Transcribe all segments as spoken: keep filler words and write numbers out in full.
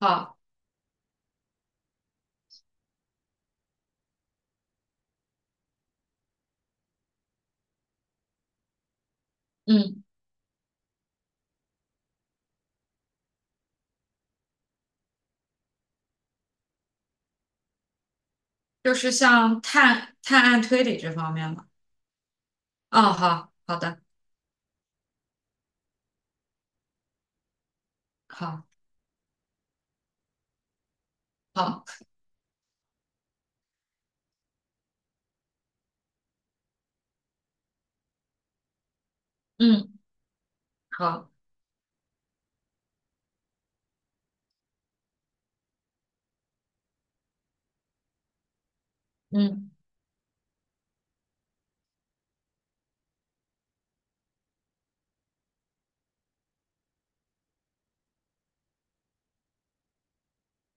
好，嗯，就是像探探案推理这方面嘛。哦，好，好的，好，好，嗯，好，嗯，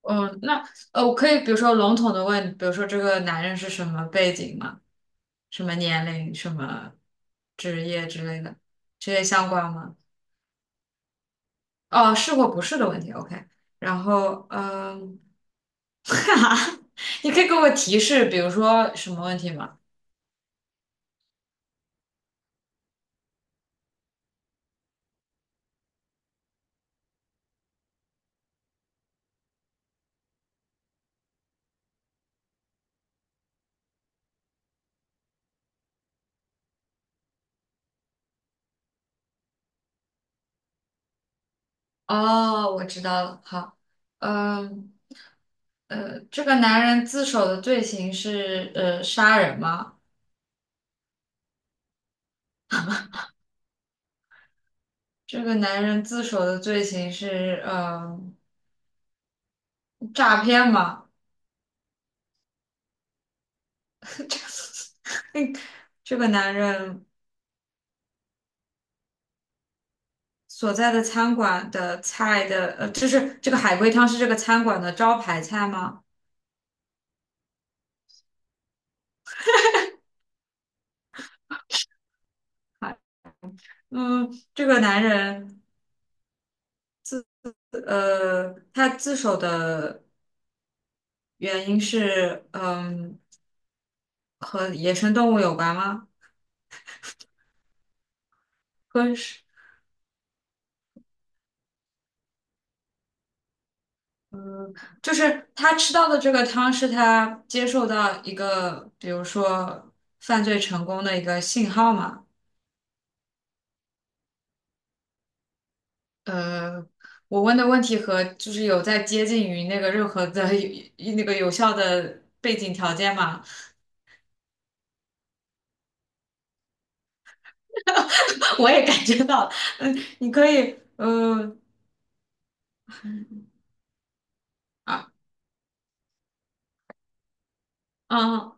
嗯，那呃，我可以比如说笼统的问，比如说这个男人是什么背景吗？什么年龄、什么职业之类的，这些相关吗？哦，是或不是的问题，OK。然后，嗯，哈哈，你可以给我提示，比如说什么问题吗？哦，我知道了，好，嗯。呃，这个男人自首的罪行是呃杀人吗？这个男人自首的罪行是呃诈骗吗？这个这个男人所在的餐馆的菜的呃，就是这个海龟汤是这个餐馆的招牌菜吗？啊，嗯，这个男人呃，他自首的原因是嗯、和野生动物有关吗？和就是他吃到的这个汤是他接受到一个，比如说犯罪成功的一个信号嘛？呃，我问的问题和就是有在接近于那个任何的有那个有效的背景条件吗？我也感觉到了，嗯，你可以，嗯、啊，啊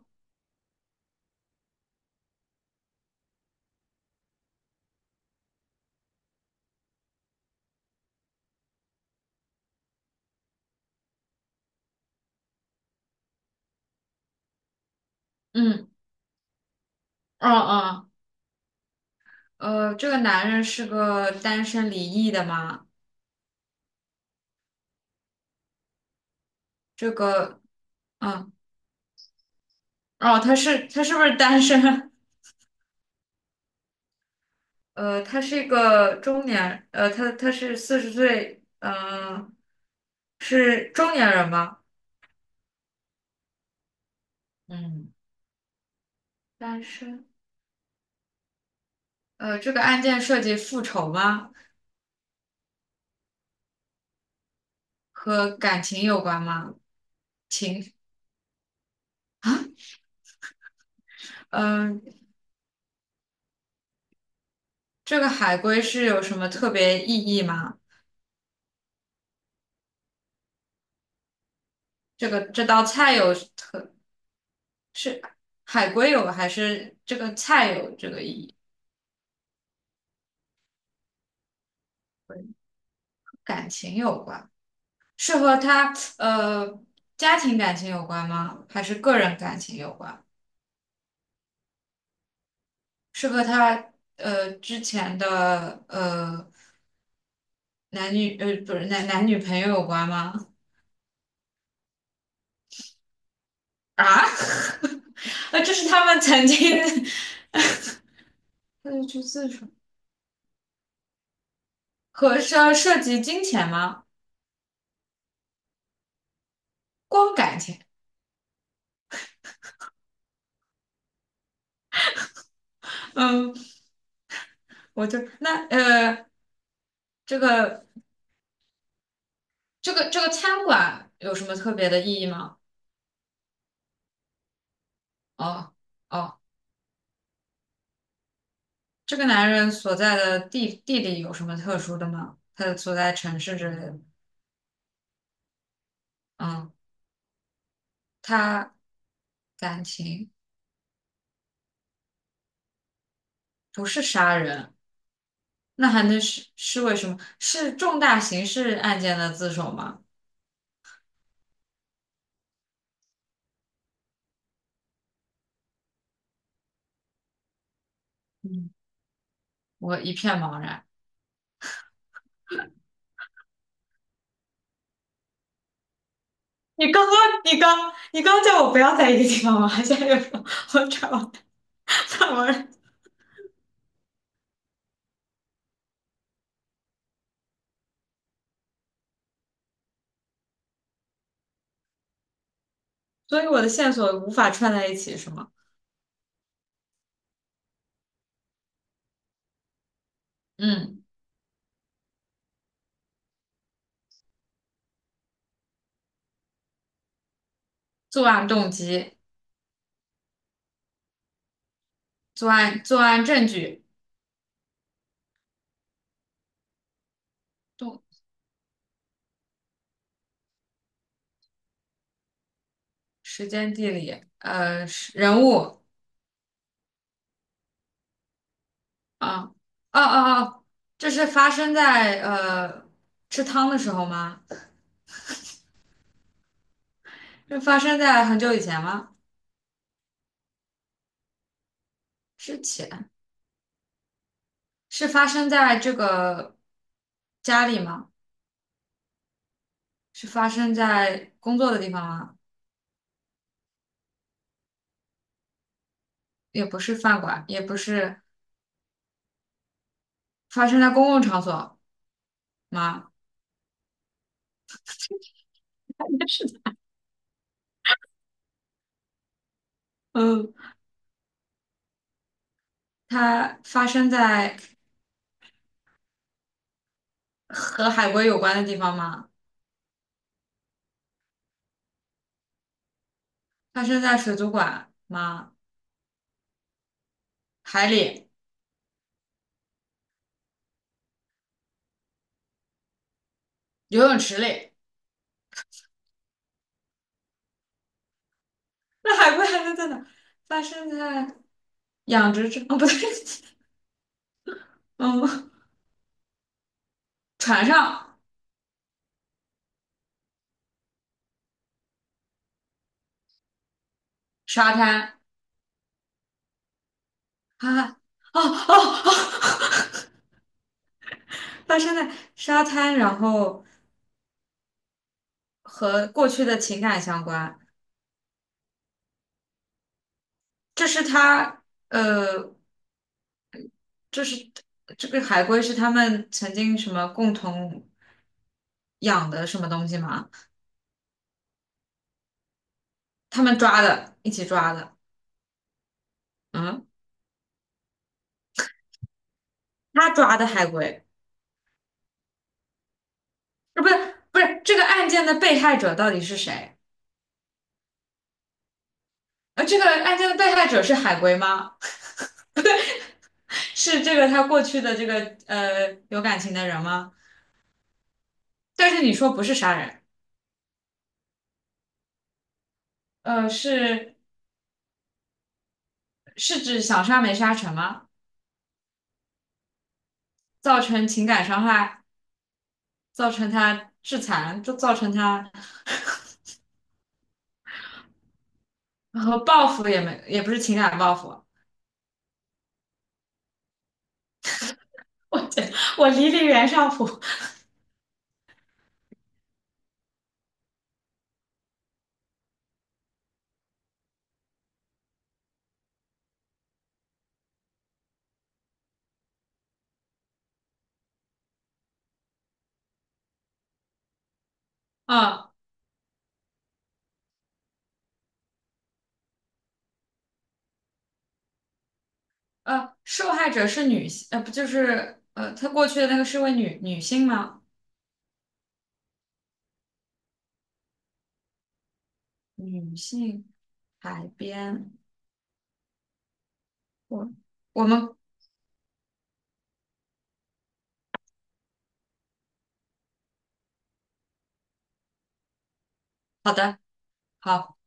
嗯嗯嗯，呃，这个男人是个单身离异的吗？这个，嗯，哦，他是他是不是单身？呃，他是一个中年，呃，他他是四十岁，呃，是中年人吗？嗯，单身。呃，这个案件涉及复仇吗？和感情有关吗？情，嗯、这个海龟是有什么特别意义吗？这个这道菜有特，是海龟有还是这个菜有这个意义？感情有关，是和他呃家庭感情有关吗？还是个人感情有关？是和他呃之前的呃男女呃不是男男女朋友有关吗？啊，呃，这是他们曾经 就去自首 和涉涉及金钱吗？光感情，嗯，我就那呃这个这个这个餐馆有什么特别的意义吗？哦哦，这个男人所在的地地理有什么特殊的吗？他的所在城市之类的，嗯，他感情不是杀人。那还能是是为什么？是重大刑事案件的自首吗？嗯，我一片茫然。你刚刚你刚你刚叫我不要在一个地方玩，现在又说我转弯转所以我的线索无法串在一起，是吗？嗯，作案动机、作案作案证据、动时间、地理、呃是人物啊，哦哦哦，这是发生在呃吃汤的时候吗？这发生在很久以前吗？之前是发生在这个家里吗？是发生在工作的地方吗？也不是饭馆，也不是发生在公共场所吗？应该是的，嗯，它发生在和海龟有关的地方吗？发生在水族馆吗？海里、游泳池里？那海龟还能在哪？发生在养殖场？哦，不对，嗯，船上、沙滩啊，哦哦哦，发生在沙滩，然后和过去的情感相关。这是他，呃，这是这个海龟是他们曾经什么共同养的什么东西吗？他们抓的，一起抓的。嗯，他抓的海龟，呃，不是不是这个案件的被害者到底是谁？呃，这个案件的被害者是海龟吗？是这个他过去的这个呃有感情的人吗？但是你说不是杀人，呃，是是指想杀没杀成吗？造成情感伤害，造成他致残，就造成他然后报复也没也不是情感报复，我天，我离离袁尚普啊呃，受害者是女性，呃不就是呃他过去的那个是位女女性吗？女性海边，我我们好的好。